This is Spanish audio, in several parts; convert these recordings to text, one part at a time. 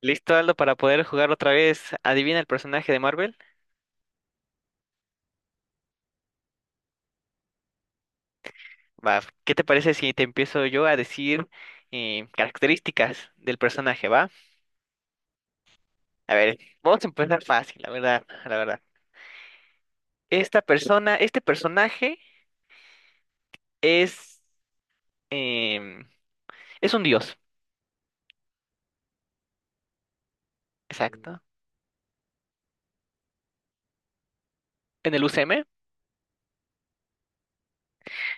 Listo, Aldo, para poder jugar otra vez. Adivina el personaje de Marvel. Va, ¿qué te parece si te empiezo yo a decir características del personaje, va? A ver, vamos a empezar fácil, la verdad, la verdad. Este personaje es em, es un dios, exacto. En el UCM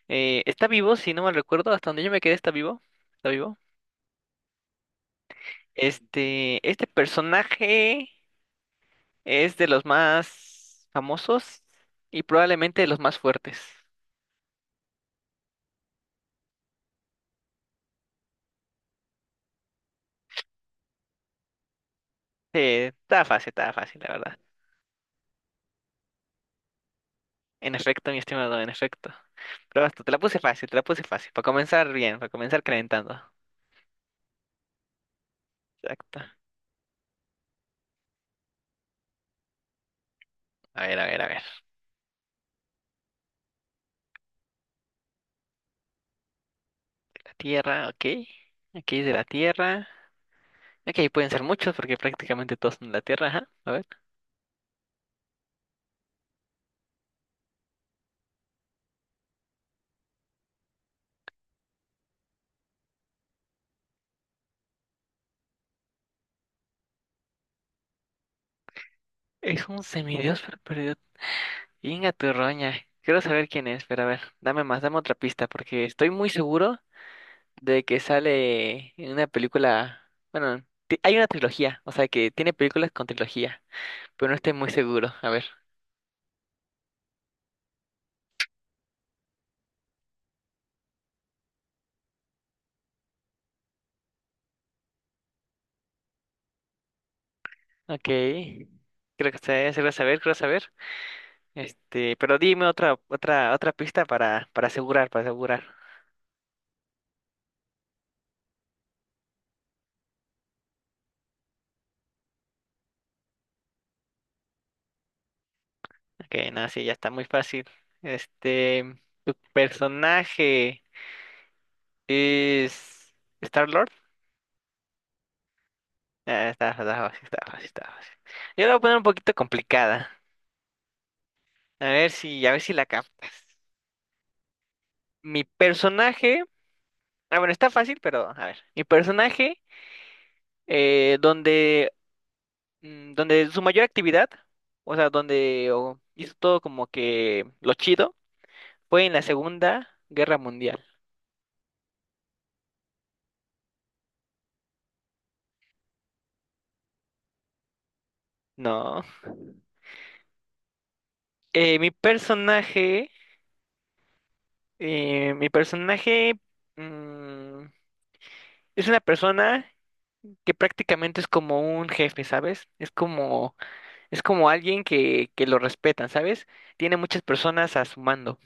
está vivo, si no mal recuerdo, hasta donde yo me quedé está vivo, está vivo. Este personaje es de los más famosos y probablemente de los más fuertes. Sí, estaba fácil, la verdad. En efecto, mi estimado, en efecto. Pero basta, te la puse fácil, te la puse fácil. Para comenzar bien, para comenzar calentando. Exacto. A ver, a ver, a ver. La Tierra, ok. Aquí es de la Tierra. Ok, pueden ser muchos porque prácticamente todos son de la Tierra, ajá. A ver. Es un semidios pero perdido. Venga, tu roña. Quiero saber quién es, pero a ver, dame más, dame otra pista porque estoy muy seguro de que sale en una película. Bueno, hay una trilogía, o sea que tiene películas con trilogía. Pero no estoy muy seguro. A ver, ok. Creo que se va a saber, creo saber. Este, pero dime otra, otra pista para asegurar, para asegurar. Ok, no, sí, ya está muy fácil. Este, tu personaje es Star-Lord. Ah, está, está fácil, está fácil, está fácil. Yo la voy a poner un poquito complicada. A ver si la captas. Mi personaje, ah, bueno, está fácil, pero a ver. Mi personaje, donde donde su mayor actividad, o sea, donde o, hizo todo como que lo chido, fue en la Segunda Guerra Mundial. No. Eh, mi personaje, mi personaje mm, es una persona que prácticamente es como un jefe, ¿sabes? Es como alguien que lo respetan, ¿sabes? Tiene muchas personas a su mando.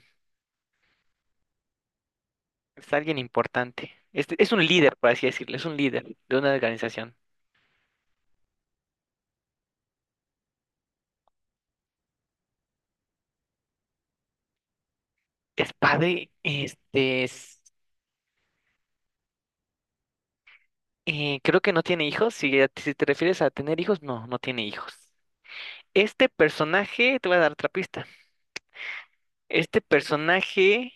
Es alguien importante. Es un líder, por así decirlo, es un líder de una organización. Es padre, creo que no tiene hijos. Si, si te refieres a tener hijos, no, no tiene hijos. Este personaje, te voy a dar otra pista. Este personaje,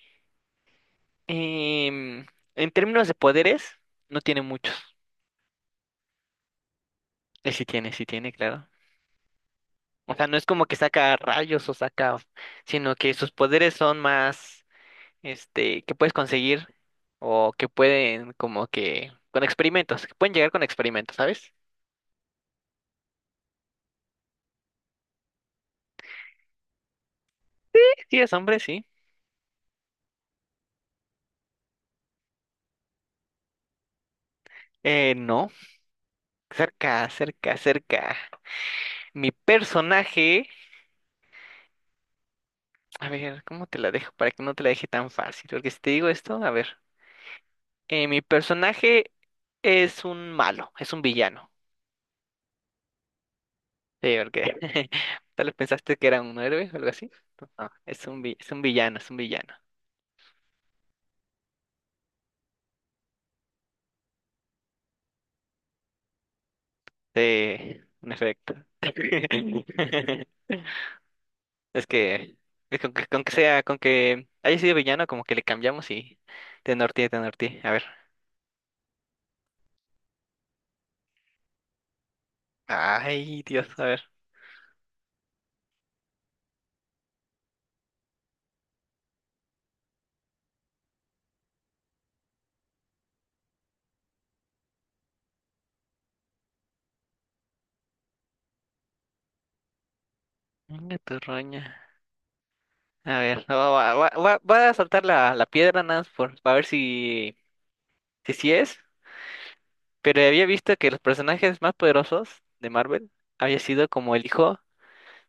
em, en términos de poderes, no tiene muchos. Sí tiene, claro. O sea, no es como que saca rayos o saca, sino que sus poderes son más, este, que puedes conseguir o que pueden como que con experimentos, que pueden llegar con experimentos, ¿sabes? Sí, es hombre, sí. No. Cerca, cerca, cerca. Mi personaje, a ver, ¿cómo te la dejo para que no te la deje tan fácil? Porque si te digo esto, a ver, mi personaje es un malo, es un villano. Sí, porque tal vez pensaste que era un héroe o algo así. No, es un es un villano, es un villano. Sí, en efecto. Es que, es con que sea, con que haya sido villano, como que le cambiamos y te norteé, te norteé. A ver. Ay, Dios, a ver. Venga, tu roña. A ver, no, va, va a saltar la, la piedra nada más por, para ver si, si sí es. Pero había visto que los personajes más poderosos de Marvel había sido como el hijo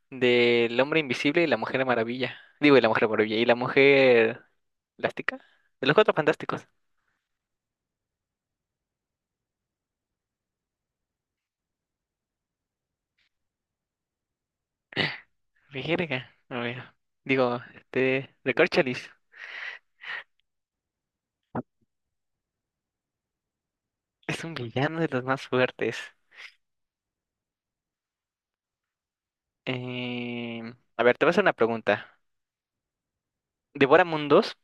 del Hombre Invisible y la Mujer Maravilla. Digo, y la Mujer Maravilla y la Mujer Elástica. De los Cuatro Fantásticos. Verga, a ver. Digo, este, Recorcholis es un villano de los más fuertes. Em, a ver, te voy a hacer una pregunta. ¿Devora mundos?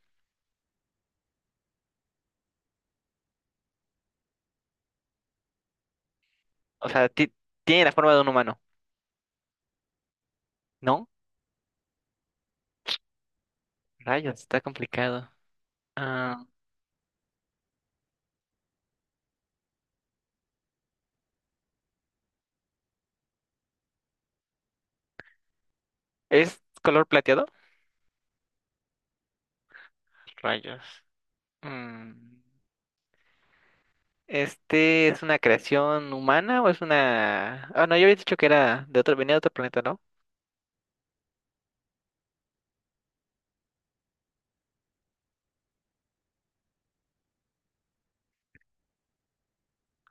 O sea, tiene la forma de un humano, ¿no? Rayos, está complicado. Ah, ¿es color plateado? Rayos. Mm, ¿este es una creación humana o es una... ah, no, yo había dicho que era de otro, venía de otro planeta, ¿no?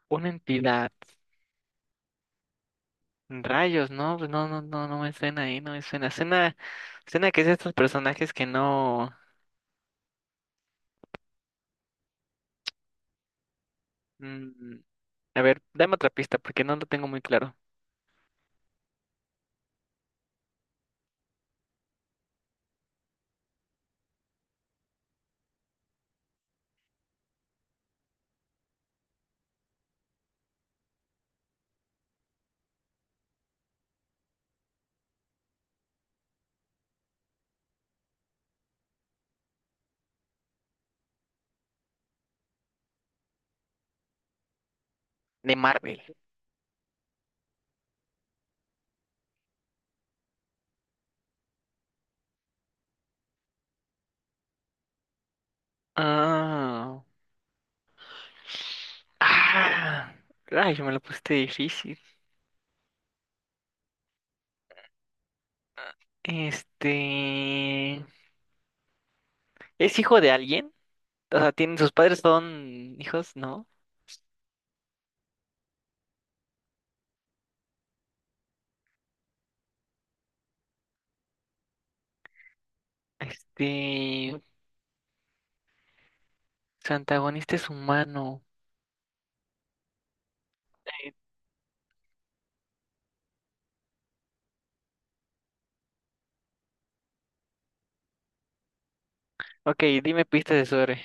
Una entidad. Rayos, no, pues no, no, no, no me suena ahí, no me suena. Suena, suena que es de estos personajes que no. mm, a ver, dame otra pista porque no lo tengo muy claro. De Marvel. Ah. Ah. Rayo, me lo pusiste difícil. Este... ¿es hijo de alguien? O sea, ¿tienen sus padres son hijos? ¿No? Este... su antagonista es humano. Ok, dime pistas de sobre.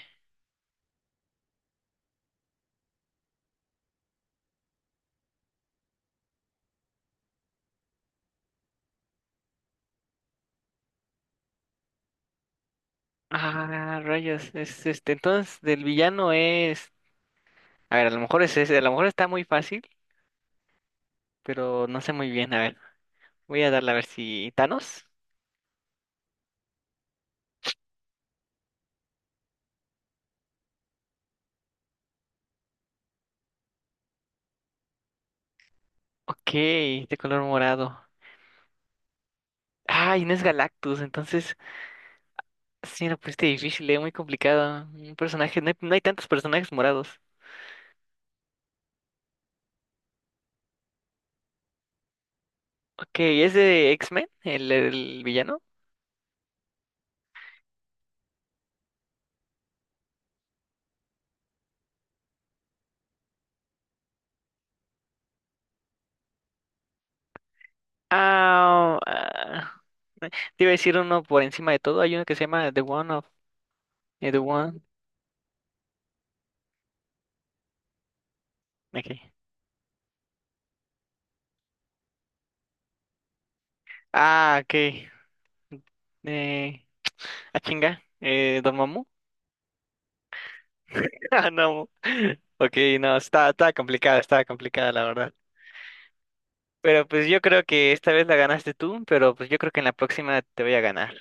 Ah, rayos. Es este, entonces, del villano es. A ver, a lo mejor es ese. A lo mejor está muy fácil, pero no sé muy bien. A ver, voy a darle a ver si. ¿Thanos? Ok, de color morado. Ay, no es Galactus, entonces. Sí, no, pues este difícil, es muy complicado. Un personaje, no hay, no hay tantos personajes morados. Ok, ¿es de X-Men, el villano? Ah, ah, te iba a decir uno por encima de todo. Hay uno que se llama The One of... The One... Okay. Ah, ok. Eh, ah, chinga. ¿Don Mamu? Ah, no. Ok, no, está, está complicada, la verdad. Pero pues yo creo que esta vez la ganaste tú, pero pues yo creo que en la próxima te voy a ganar.